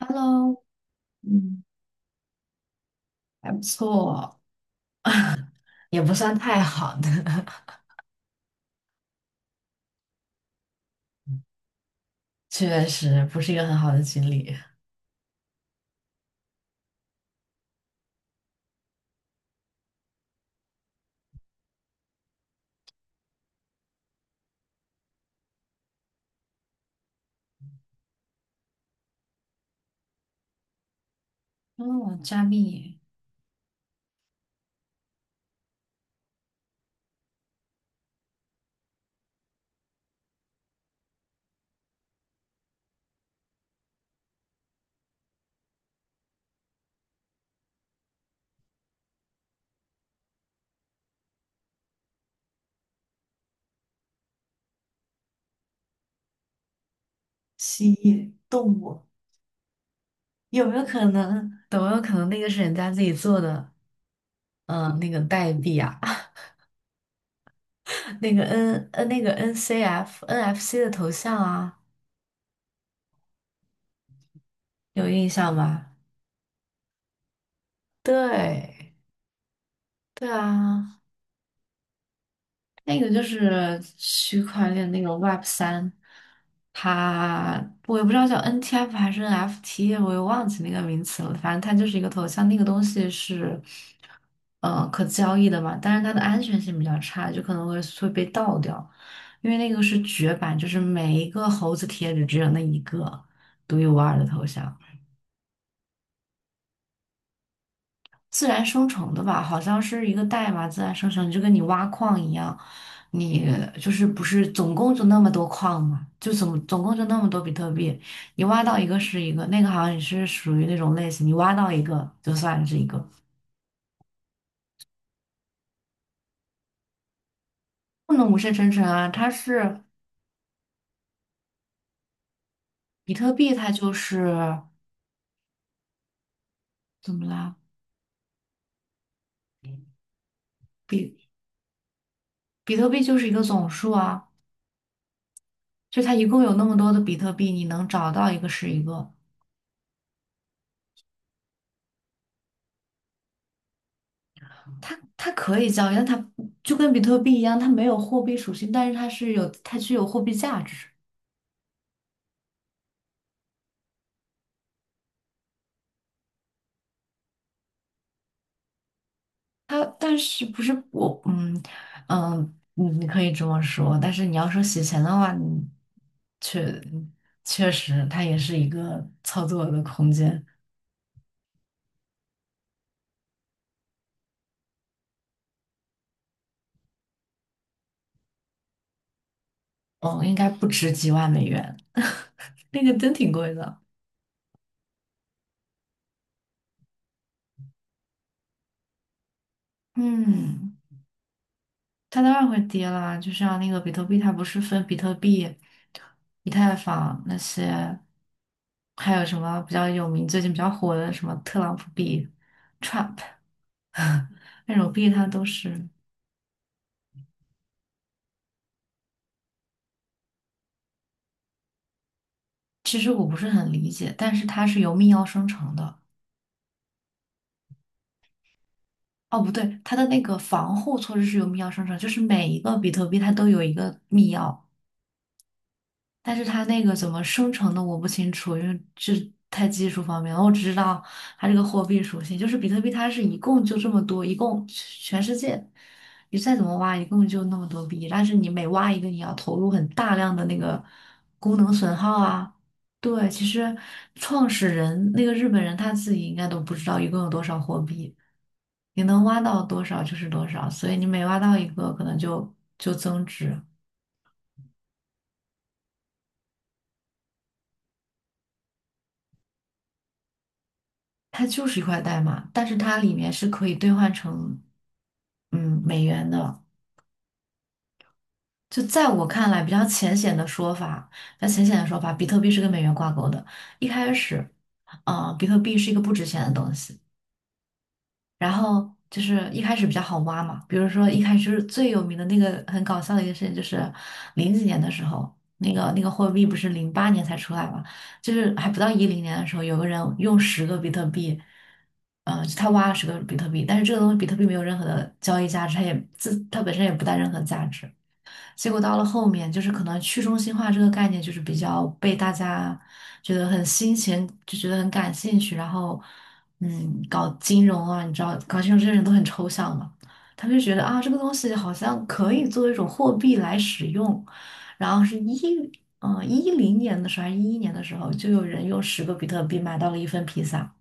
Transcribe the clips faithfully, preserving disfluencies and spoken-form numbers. Hello，嗯，还不错，也不算太好的，确实不是一个很好的经历。哦，加密、蜥蜴、动物，有没有可能？有没有可能那个是人家自己做的？嗯，那个代币啊，那个 N 呃那个 N C F、N F C 的头像啊，有印象吗？对，对啊，那个就是区块链那个 Web 三，它我也不知道叫 N T F 还是 N F T，我也忘记那个名词了。反正它就是一个头像，那个东西是呃可交易的嘛，但是它的安全性比较差，就可能会会被盗掉，因为那个是绝版，就是每一个猴子贴纸只有那一个独一无二的头像。自然生成的吧，好像是一个代码自然生成，就跟你挖矿一样，你就是不是总共就那么多矿嘛，就总总共就那么多比特币，你挖到一个是一个，那个好像也是属于那种类型，你挖到一个就算是一个，不能无限生成啊，它是比特币，它就是怎么啦？比比特币就是一个总数啊，就它一共有那么多的比特币，你能找到一个是一个。它它可以交易，但它就跟比特币一样，它没有货币属性，但是它是有它具有货币价值。它但是不是我。嗯嗯，你你可以这么说，但是你要说洗钱的话，你确确实它也是一个操作的空间。哦，应该不值几万美元，那个真挺贵的。嗯。它当然会跌啦，就像那个比特币，它不是分比特币、以太坊那些，还有什么比较有名、最近比较火的什么特朗普币、Trump 那种币，它都是。其实我不是很理解，但是它是由密钥生成的。哦，不对，它的那个防护措施是由密钥生成，就是每一个比特币它都有一个密钥。但是它那个怎么生成的我不清楚，因为这太技术方面了。我只知道它这个货币属性，就是比特币，它是一共就这么多，一共全世界你再怎么挖，一共就那么多币。但是你每挖一个，你要投入很大量的那个功能损耗啊。对，其实创始人那个日本人他自己应该都不知道一共有多少货币，你能挖到多少就是多少，所以你每挖到一个，可能就就增值。它就是一块代码，但是它里面是可以兑换成嗯美元的。就在我看来，比较浅显的说法，比较浅显的说法，比特币是跟美元挂钩的。一开始，啊、比特币是一个不值钱的东西。然后就是一开始比较好挖嘛，比如说一开始就是最有名的那个很搞笑的一个事情，就是零几年的时候，那个那个货币不是零八年才出来嘛，就是还不到一零年的时候，有个人用十个比特币，嗯、呃他挖了十个比特币，但是这个东西比特币没有任何的交易价值，它也自它本身也不带任何价值。结果到了后面，就是可能去中心化这个概念就是比较被大家觉得很新鲜，就觉得很感兴趣。然后，嗯，搞金融啊，你知道，搞金融这些人都很抽象嘛，他们就觉得啊，这个东西好像可以作为一种货币来使用。然后是一，嗯，一零年的时候还是一一年的时候，就有人用十个比特币买到了一份披萨，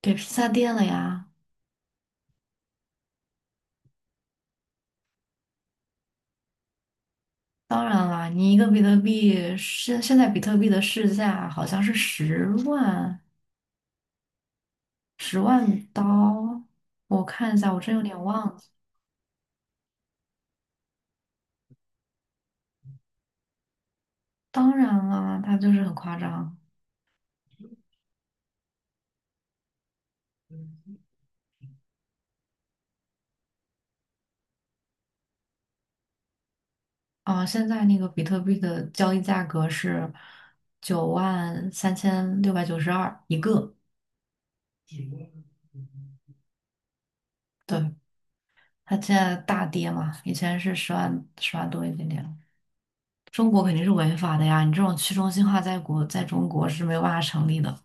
给披萨店了呀。当然啦，你一个比特币现现在比特币的市价好像是十万十万刀，我看一下，我真有点忘了。当然啦，它就是很夸张啊！现在那个比特币的交易价格是九万三千六百九十二一个，对，它现在大跌嘛，以前是十万十万多一点点。中国肯定是违法的呀，你这种去中心化在国在中国是没有办法成立的。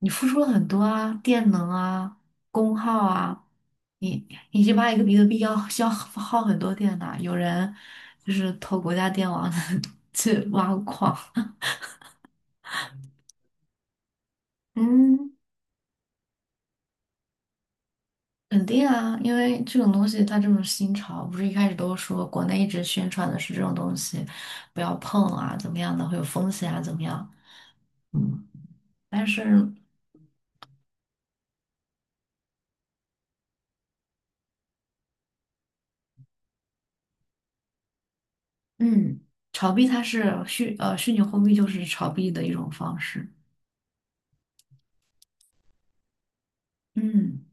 你付出了很多啊，电能啊，功耗啊，你你去挖一个比特币要需 要耗很多电的，有人就是偷国家电网 去挖矿，嗯，肯定啊，因为这种东西它这种新潮，不是一开始都说国内一直宣传的是这种东西不要碰啊，怎么样的会有风险啊，怎么样，嗯，但是嗯，炒币它是虚呃虚拟货币就是炒币的一种方式，嗯，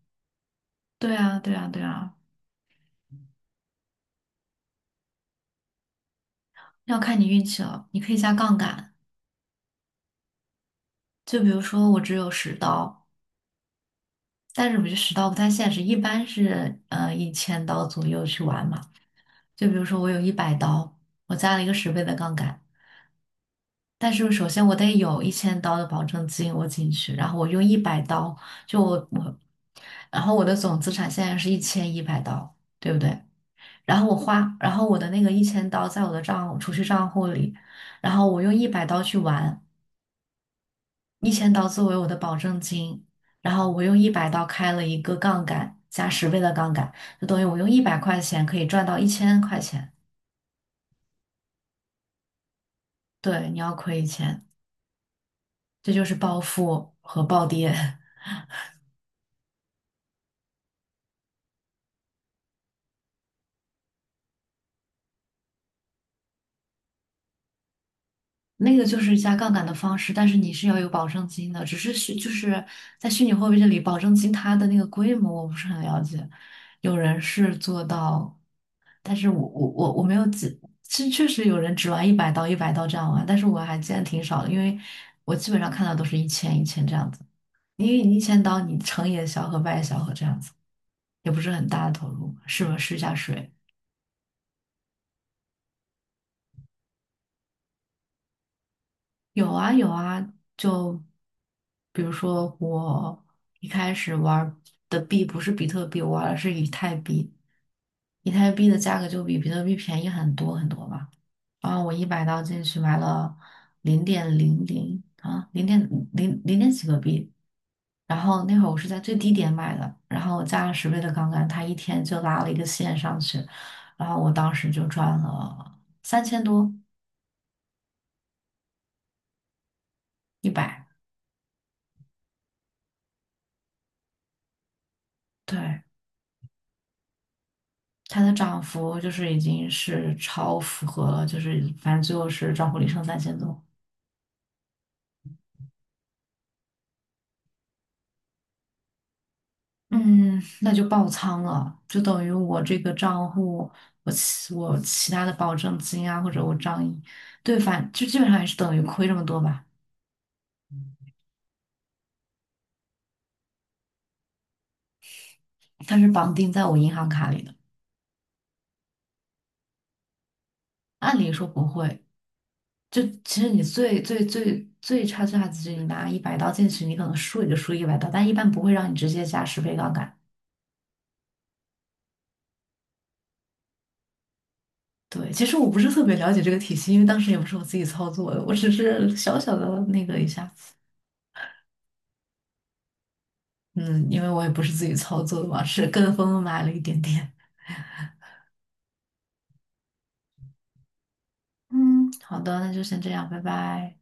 对啊，对啊，对啊。要看你运气了，你可以加杠杆。就比如说，我只有十刀，但是我觉得十刀不太现实，一般是呃一千刀左右去玩嘛。就比如说，我有一百刀，我加了一个十倍的杠杆，但是首先我得有一千刀的保证金我进去，然后我用一百刀，就我我，然后我的总资产现在是一千一百刀，对不对？然后我花，然后我的那个一千刀在我的账储蓄账户里，然后我用一百刀去玩。一千刀作为我的保证金，然后我用一百刀开了一个杠杆，加十倍的杠杆，就等于我用一百块钱可以赚到一千块钱。对，你要亏一千，这就是暴富和暴跌。那个就是加杠杆的方式，但是你是要有保证金的，只是虚就是在虚拟货币这里，保证金它的那个规模我不是很了解，有人是做到，但是我我我我没有记，实确实有人只玩一百刀一百刀这样玩，但是我还见得挺少的，因为我基本上看到都是一千一千这样子，因为你一千刀你成也小和败也小和这样子，也不是很大的投入，试吧试一下水。有啊有啊，就比如说我一开始玩儿的币不是比特币，我玩的是以太币，以太币的价格就比比特币便宜很多很多吧。然后我一百刀进去买了零点零零啊，零点零零点几个币，然后那会儿我是在最低点买的，然后我加了十倍的杠杆，它一天就拉了一个线上去，然后我当时就赚了三千多一百，对。它的涨幅就是已经是超符合了，就是反正最后是账户里剩三千多，嗯，那就爆仓了，就等于我这个账户，我其我其他的保证金啊，或者我账一对，反就基本上也是等于亏这么多吧。它是绑定在我银行卡里的，按理说不会。就其实你最最最最差最差，只是你拿一百刀进去，你可能输也就输一百刀，但一般不会让你直接加十倍杠杆。对，其实我不是特别了解这个体系，因为当时也不是我自己操作的，我只是小小的那个一下，嗯，因为我也不是自己操作的嘛，是跟风买了一点点。嗯，好的，那就先这样，拜拜。